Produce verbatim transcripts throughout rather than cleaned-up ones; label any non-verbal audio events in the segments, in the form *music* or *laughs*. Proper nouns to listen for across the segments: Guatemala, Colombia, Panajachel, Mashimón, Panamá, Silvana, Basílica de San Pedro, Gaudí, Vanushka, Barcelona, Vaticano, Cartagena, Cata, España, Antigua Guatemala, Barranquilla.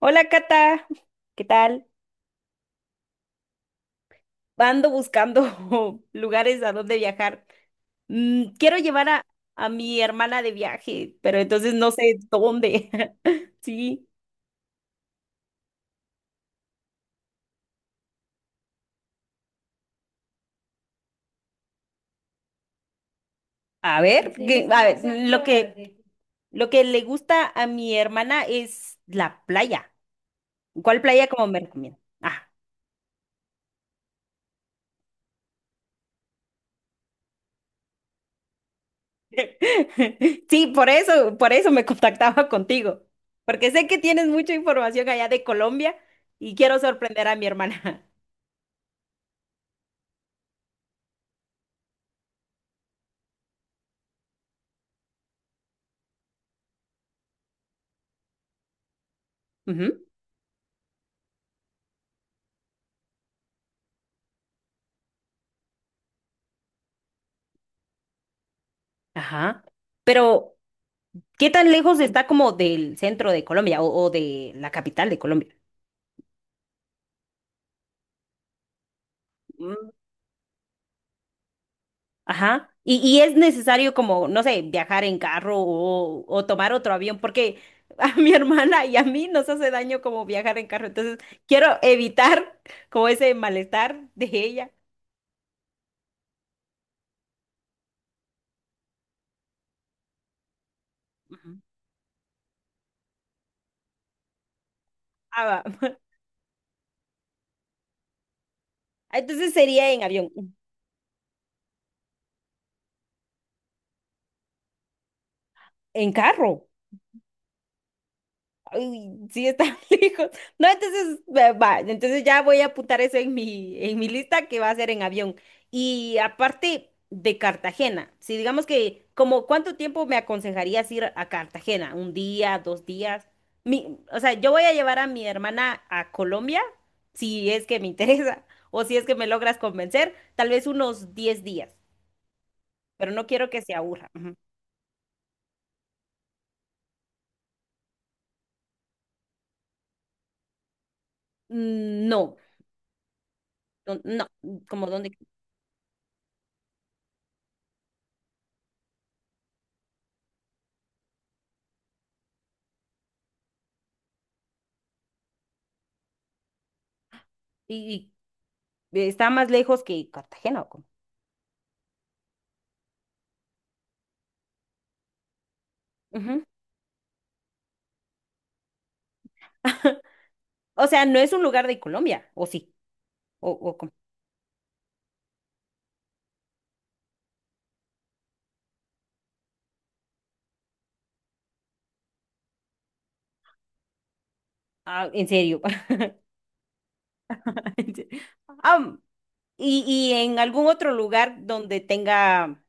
Hola Cata, ¿qué tal? Ando buscando *laughs* lugares a donde viajar. Mm, quiero llevar a, a mi hermana de viaje, pero entonces no sé dónde. *laughs* Sí, a ver, que- a ver, lo que, lo que le gusta a mi hermana es la playa. ¿Cuál playa como me recomienda? Ah. *laughs* Sí, por eso, por eso me *laughs* contactaba contigo, porque sé que tienes mucha información allá de Colombia y quiero sorprender a mi hermana. *laughs* Ujú. Ajá. Pero, ¿qué tan lejos está como del centro de Colombia o, o de la capital de Colombia? Mm, ajá. Y, y es necesario como, no sé, viajar en carro o, o tomar otro avión, porque a mi *laughs* hermana y a mí nos hace daño como viajar en carro. Entonces, quiero evitar como ese malestar de ella. Ujú. Ah, va. *laughs* Entonces sería en avión, en carro. Ay, sí, está *laughs* lejos. No, entonces, eh, va, entonces ya voy a apuntar eso en mi, en mi lista que va a ser en avión. Y aparte de Cartagena, si digamos que, como cuánto tiempo me aconsejarías ir a Cartagena, un día, dos días. Mi, o sea, yo voy a llevar a mi hermana a Colombia, si es que me *laughs* interesa, o si es que me logras convencer, tal vez unos diez días, pero no quiero que se aburra. Ujú. Mm, no, no, no, como dónde. y, ¿Está más lejos que Cartagena, o cómo? Ujú. *laughs* O sea, no es un lugar de Colombia, ¿o sí? ¿O, o cómo? Ah, en serio. *laughs* Ah, Y, y en algún otro lugar donde tenga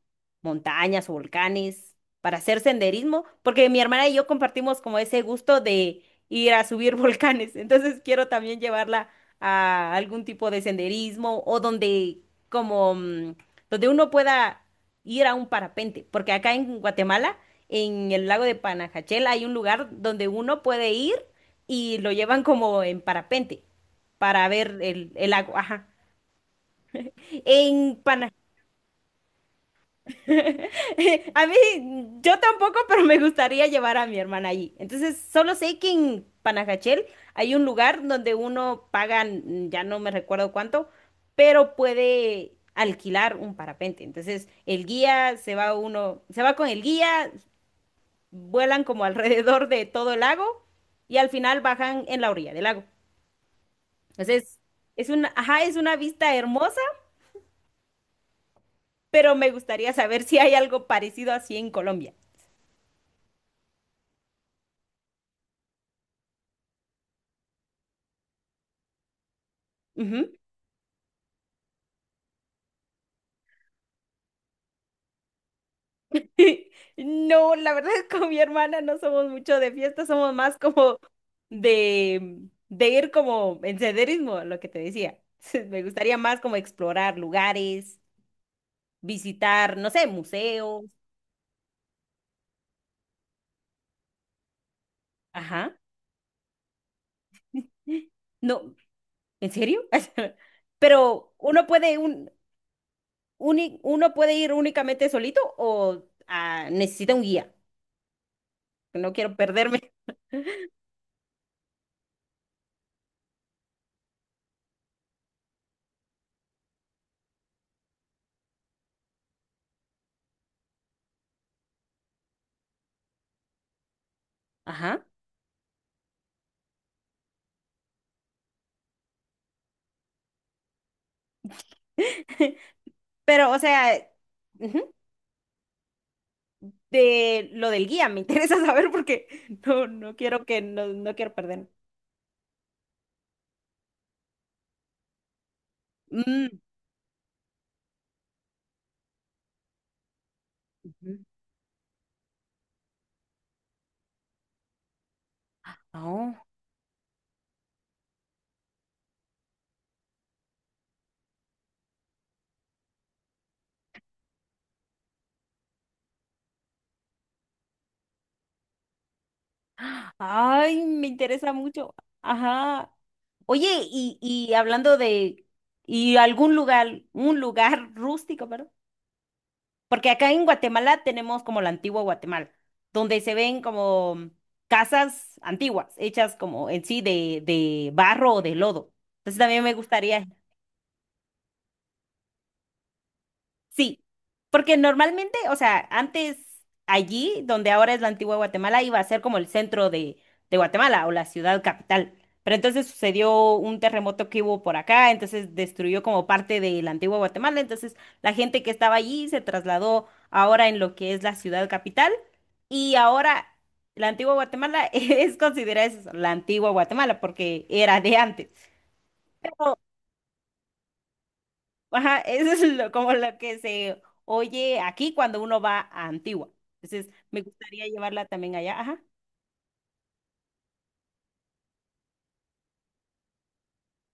montañas o volcanes para hacer senderismo, porque mi hermana y yo compartimos como ese gusto de ir a subir *laughs* volcanes, entonces quiero también llevarla a algún tipo de senderismo o donde como mm, donde uno pueda ir a un parapente, porque acá en Guatemala, en el lago de Panajachel hay un lugar donde uno puede ir y lo llevan como en parapente para ver el, el lago, ajá. En Panamá. *laughs* A mí, yo tampoco, pero me gustaría llevar a mi hermana allí. Entonces, solo sé que en Panajachel hay un lugar donde uno paga, mm, ya no me recuerdo cuánto, pero puede alquilar un parapente. Entonces, el guía se va uno, se va con el guía, vuelan como alrededor de todo el lago y al final bajan en la orilla del lago. Entonces, es una, ajá, es una vista hermosa, pero me gustaría saber si hay algo parecido así en Colombia. Ujú. *laughs* No, la verdad es que con mi hermana no somos mucho de fiesta, somos más como de, de, ir como en senderismo, lo que te decía. *laughs* Me gustaría más como explorar lugares, visitar, no sé, museos. Ajá. *gasps* No, ¿en serio? *laughs* Pero uno puede, un, uni- uno puede ir únicamente solito o ah, necesita un guía. No quiero perderme. Ajá. Pero, o sea, ujú. De lo del guía, me *laughs* interesa saber porque no, no quiero que no, no quiero perder. Mm, ujú. Oh. Ay, me interesa mucho. Ajá. Oye, y, y hablando de y algún lugar, un lugar rústico, ¿verdad? Porque acá en Guatemala tenemos como la antigua Guatemala, donde se ven como casas antiguas, hechas como en sí de, de, barro o de lodo. Entonces también me gustaría. Sí, porque normalmente, o sea, antes allí, donde ahora es la antigua Guatemala, iba a ser como el centro de, de Guatemala o la ciudad capital. Pero entonces sucedió un terremoto que hubo por acá, entonces destruyó como parte de la antigua Guatemala. Entonces la gente que estaba allí se trasladó ahora en lo que es la ciudad capital. Y ahora la antigua Guatemala *laughs* es considerada eso, la antigua Guatemala porque era de antes. Ajá, eso es lo- como lo que se oye aquí cuando uno va a Antigua. Entonces, me gustaría llevarla también allá. Ajá.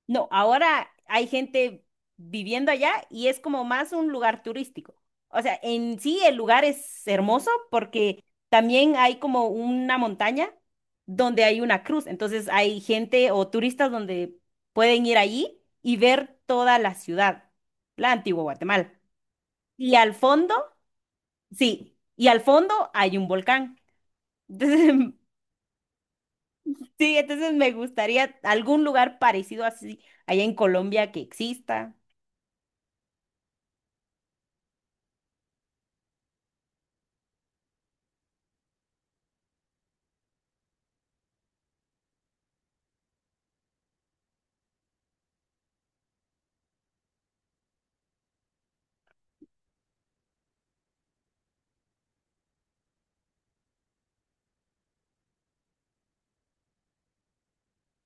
No, ahora hay gente viviendo allá y es como más un lugar turístico. O sea, en sí el lugar es hermoso porque también hay como una montaña donde hay una cruz. Entonces, hay gente o turistas donde pueden ir allí y ver toda la ciudad, la Antigua Guatemala. Y al fondo, sí, y al fondo hay un volcán. Entonces, *laughs* sí, entonces me gustaría algún lugar parecido así allá en Colombia que exista.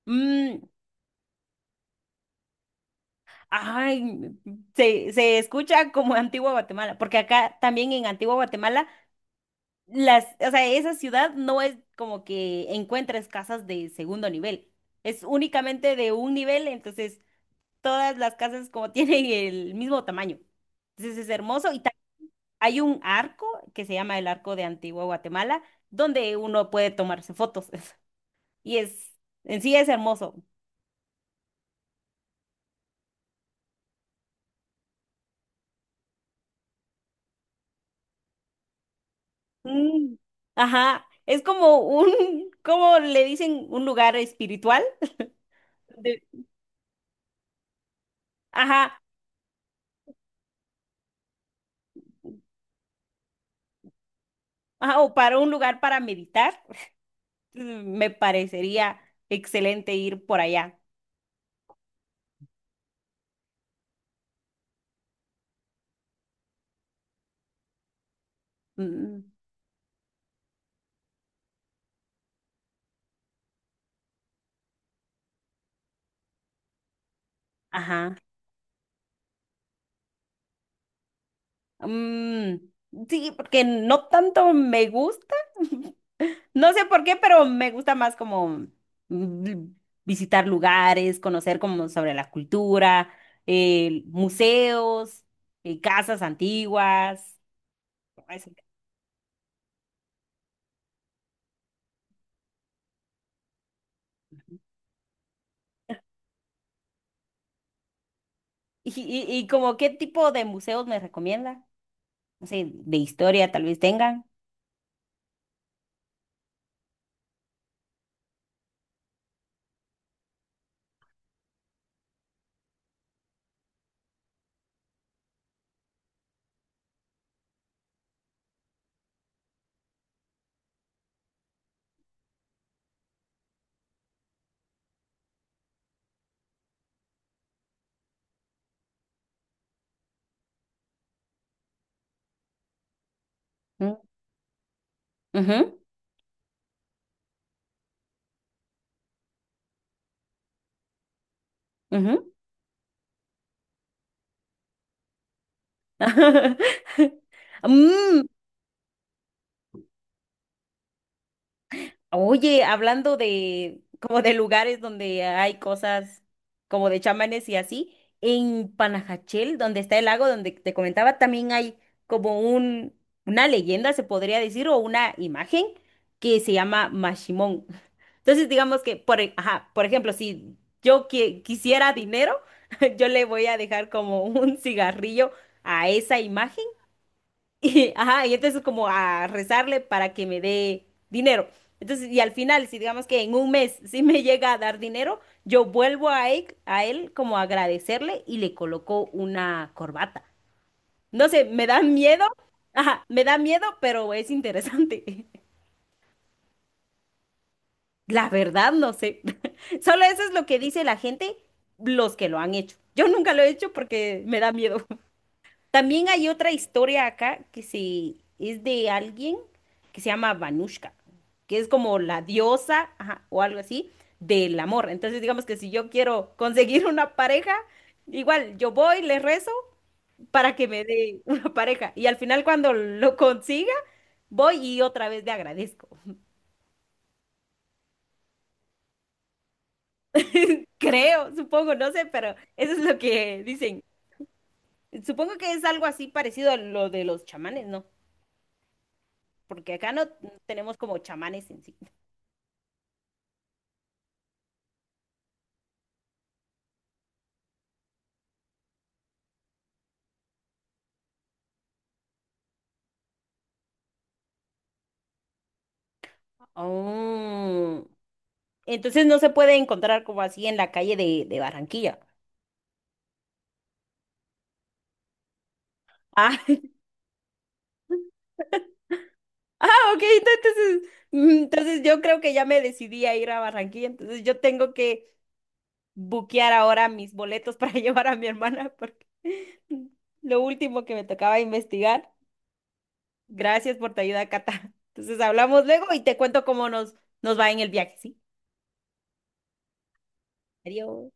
Mm, ay, se, se escucha como Antigua Guatemala, porque acá también en Antigua Guatemala, las, o sea, esa ciudad no es como que encuentres casas de segundo nivel, es únicamente de un nivel, entonces todas las casas como *laughs* tienen el mismo tamaño. Entonces es hermoso y ta- hay un arco que se llama el Arco de Antigua Guatemala donde uno puede tomarse fotos. *laughs* y es, en sí es hermoso. Mm, ajá, es como un, *laughs* ¿cómo le dicen? Un lugar espiritual. de- Ajá, ajá, o para un lugar para meditar. *laughs* Mm, Me parecería excelente ir por allá. Mm, ajá. Mm, sí, porque no tanto me gusta, *laughs* no sé por qué, pero me gusta más como mm, visitar lugares, conocer como sobre la cultura, eh, museos, eh, casas antiguas. Eso. Y, y- y como qué tipo de museos me recomienda? No sé, de historia tal vez tengan. Mm, ujú, ujú. *laughs* Mm, oye, hablando de como de lugares donde hay cosas como de chamanes y así, en Panajachel, donde está el lago donde te comentaba, también hay como un una leyenda, se podría decir, o una imagen que se llama Mashimón. Entonces, digamos que por, e- ajá, por ejemplo, si yo qui- quisiera dinero, *laughs* yo le voy a dejar como un cigarrillo a esa imagen y, ajá, y entonces como a rezarle para que me dé dinero. Entonces, y al final, si digamos que en un mes sí me llega a dar dinero, yo vuelvo a él, a él como a agradecerle y le coloco una corbata. No sé, me da miedo, ajá, me da miedo, pero es interesante. *laughs* La verdad, no sé. *laughs* Solo eso es lo que dice la gente, los que lo han hecho. Yo nunca lo he hecho porque me da miedo. También hay otra historia acá que se, es de alguien que se llama Vanushka, que es como la diosa, ajá, o algo así, del amor. Entonces, digamos que si yo quiero conseguir una pareja, igual yo voy, le rezo para que me dé *laughs* una pareja. Y al final, cuando lo consiga, voy y otra vez le agradezco. *laughs* Creo, supongo, no sé, pero eso es lo que dicen. Supongo que es algo así parecido a lo de los chamanes, ¿no? Porque acá no tenemos como chamanes en sí. Oh. Entonces no se puede encontrar como así en la calle de, de, Barranquilla. Ah, *laughs* ah, ok, ento- entonces, mm, entonces yo creo que ya me decidí a ir a Barranquilla, entonces yo tengo que buquear ahora mis boletos para *laughs* llevar a mi hermana porque *laughs* lo último que me tocaba investigar. Gracias por tu ayuda, Cata. Entonces hablamos luego y te cuento cómo nos, nos, va en el viaje, ¿sí? Adiós.